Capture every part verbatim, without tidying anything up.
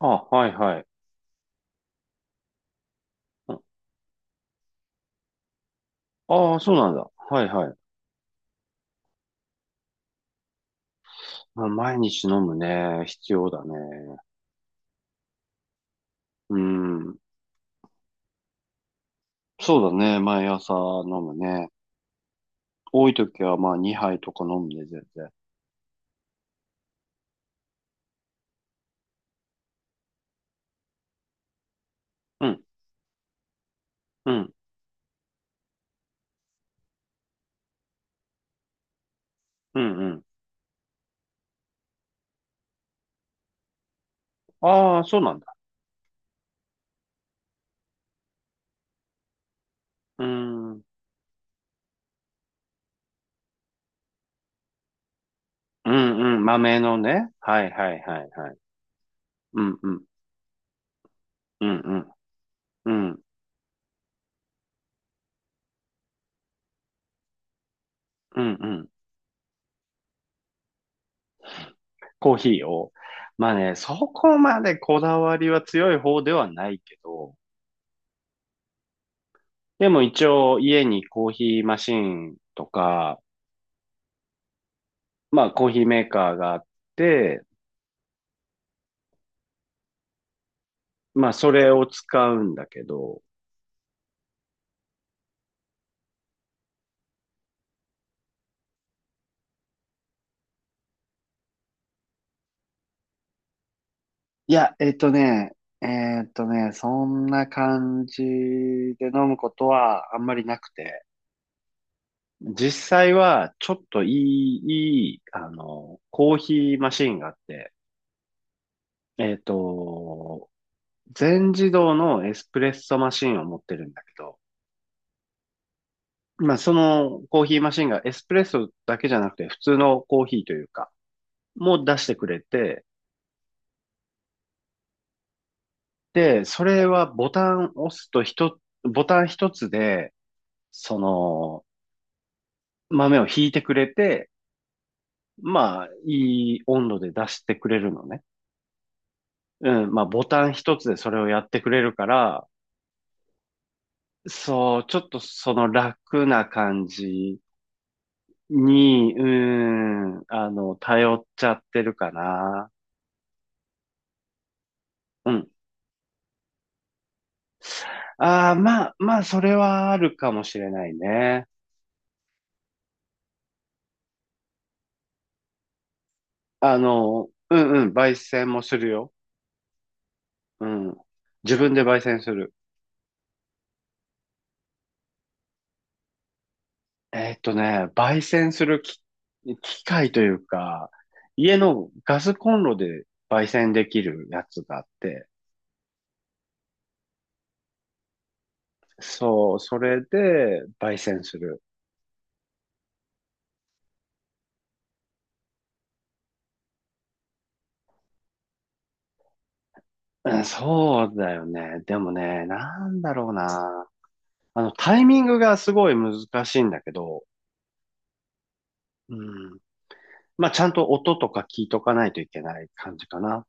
あ、はいはい。ああー、そうなんだ。はいはい。まあ、毎日飲むね。必要だね。うん。そうだね。毎朝飲むね。多い時はまあにはいとか飲むね、全然。うん、うん、うん、うん。ああ、そうなんだ。うん、うん、うん。豆のね。はいはいはいはい。うん、うん、うん、うん、うん、うん、うん。コーヒーを。まあね、そこまでこだわりは強い方ではないけど、でも一応家にコーヒーマシンとか、まあコーヒーメーカーがあって、まあそれを使うんだけど、いや、えっとね、えっとね、そんな感じで飲むことはあんまりなくて。実際はちょっといい、いい、あの、コーヒーマシンがあって、えっと、全自動のエスプレッソマシンを持ってるんだけど、まあ、そのコーヒーマシンがエスプレッソだけじゃなくて普通のコーヒーというか、もう出してくれて、で、それはボタンを押すと一つ、ボタン一つで、その豆を引いてくれて、まあ、いい温度で出してくれるのね。うん、まあ、ボタン一つでそれをやってくれるから、そう、ちょっとその楽な感じに、うん、あの、頼っちゃってるかな。うん。ああ、まあ、まあ、それはあるかもしれないね。あの、うんうん、焙煎もするよ。うん。自分で焙煎する。えーっとね、焙煎するき機械というか、家のガスコンロで焙煎できるやつがあって、そう、それで焙煎する。うん、そうだよね。でもね、なんだろうな。あの、タイミングがすごい難しいんだけど、うん、まあ、ちゃんと音とか聞いとかないといけない感じかな。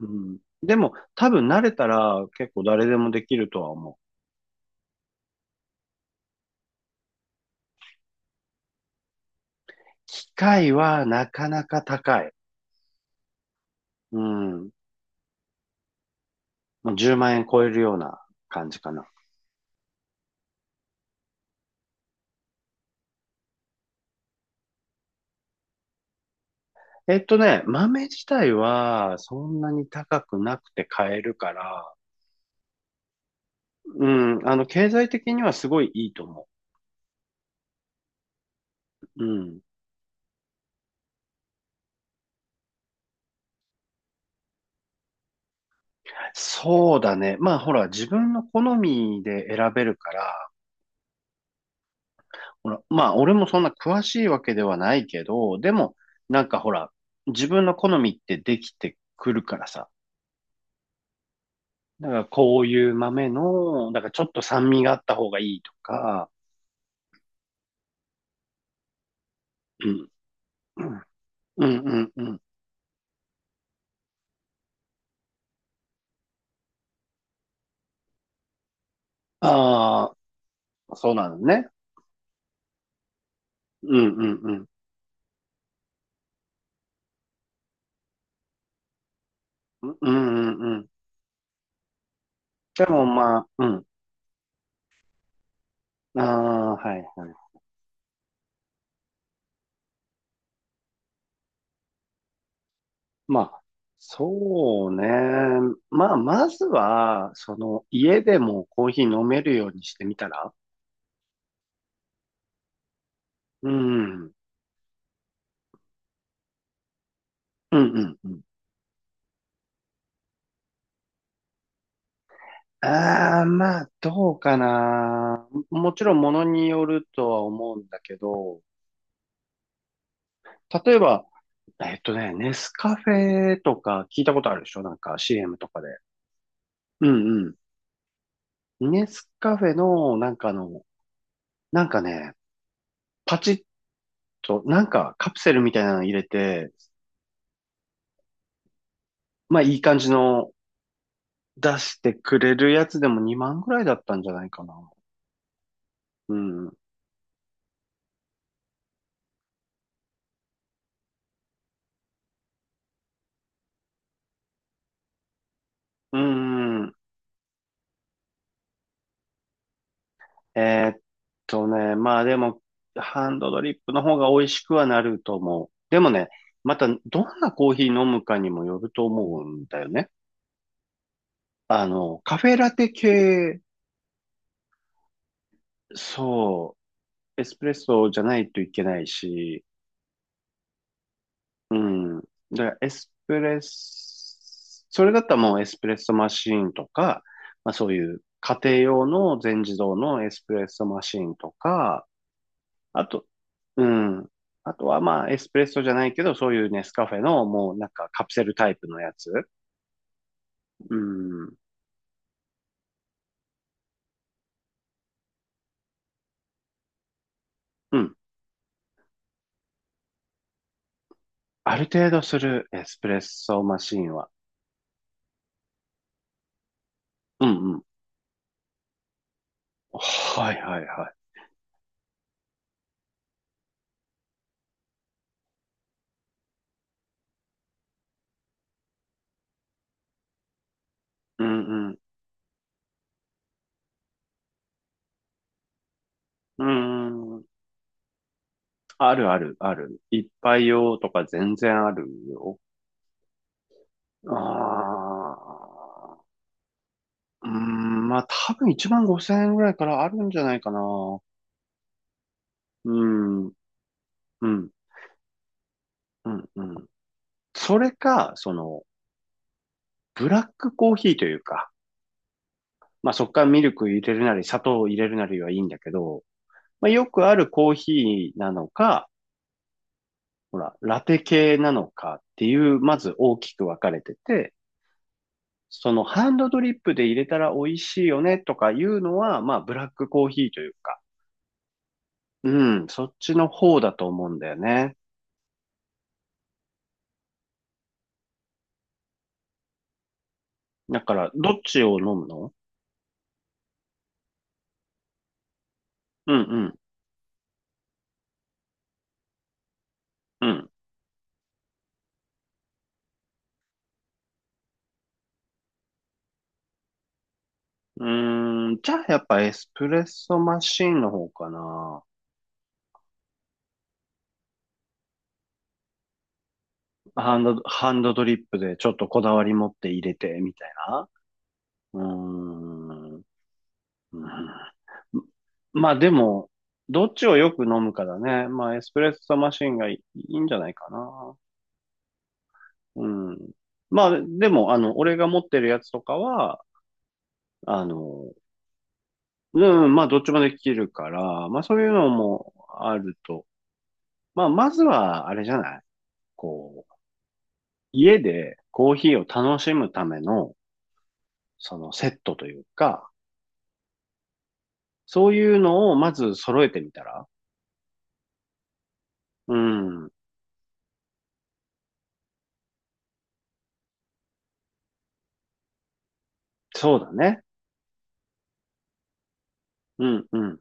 うん。でも、多分慣れたら結構誰でもできるとは思う。機械はなかなか高い。うん。もうじゅうまん円超えるような感じかな。えっとね、豆自体はそんなに高くなくて買えるから、うん、あの、経済的にはすごいいいと思う。うん。そうだね。まあ、ほら、自分の好みで選べるから、ほら、まあ、俺もそんな詳しいわけではないけど、でも、なんかほら、自分の好みってできてくるからさ。だからこういう豆の、だからちょっと酸味があった方がいいとか、うん、うん、うん、うんうん。ああ、そうなのね。うん、うん、うん。うん、うん、うん。でもまあ、うん。ああ、はい、はい。まあ、そうね。まあ、まずは、その、家でもコーヒー飲めるようにしてみたら。うん。うんうんうん。ああ、まあ、どうかな。もちろん、ものによるとは思うんだけど、例えば、えっとね、ネスカフェとか聞いたことあるでしょなんか シーエム とかで。うんうん。ネスカフェの、なんかの、なんかね、パチッと、なんかカプセルみたいなの入れて、まあ、いい感じの出してくれるやつでもにまんぐらいだったんじゃないかな。うん。うんうん。えーっとね、まあでも、ハンドドリップの方が美味しくはなると思う。でもね、またどんなコーヒー飲むかにもよると思うんだよね。あの、カフェラテ系、そう、エスプレッソじゃないといけないし、うん。だからエスプレッソ、それだったらもうエスプレッソマシーンとか、まあそういう家庭用の全自動のエスプレッソマシーンとか、あと、うん。あとはまあ、エスプレッソじゃないけど、そういうネスカフェのもうなんかカプセルタイプのやつ。うん。うん。ある程度するエスプレッソマシンは。うんうん。はいはいはい。うんうん。うん。あるあるある。一杯用とか全然あるよ。ああ。うん。まあ多分いちまんごせん円ぐらいからあるんじゃないかな。うん。うん。うん。うん。それか、その、ブラックコーヒーというか、まあそっからミルク入れるなり、砂糖を入れるなりはいいんだけど、まあよくあるコーヒーなのか、ほら、ラテ系なのかっていう、まず大きく分かれてて、そのハンドドリップで入れたら美味しいよねとかいうのは、まあブラックコーヒーというか、うん、そっちの方だと思うんだよね。だから、どっちを飲むの。うんうん、うん。うーん、じゃあやっぱエスプレッソマシンの方かな。ハンド、ハンドドリップでちょっとこだわり持って入れてみたいな。うーん。うん。まあでも、どっちをよく飲むかだね。まあエスプレッソマシンがいいんじゃないかな。うん。まあでも、あの、俺が持ってるやつとかは、あの、うん、まあどっちもできるから、まあそういうのもあると。まあまずは、あれじゃないこう、家でコーヒーを楽しむための、そのセットというか、そういうのをまず揃えてみたら。うん、そうだね。うん、うん。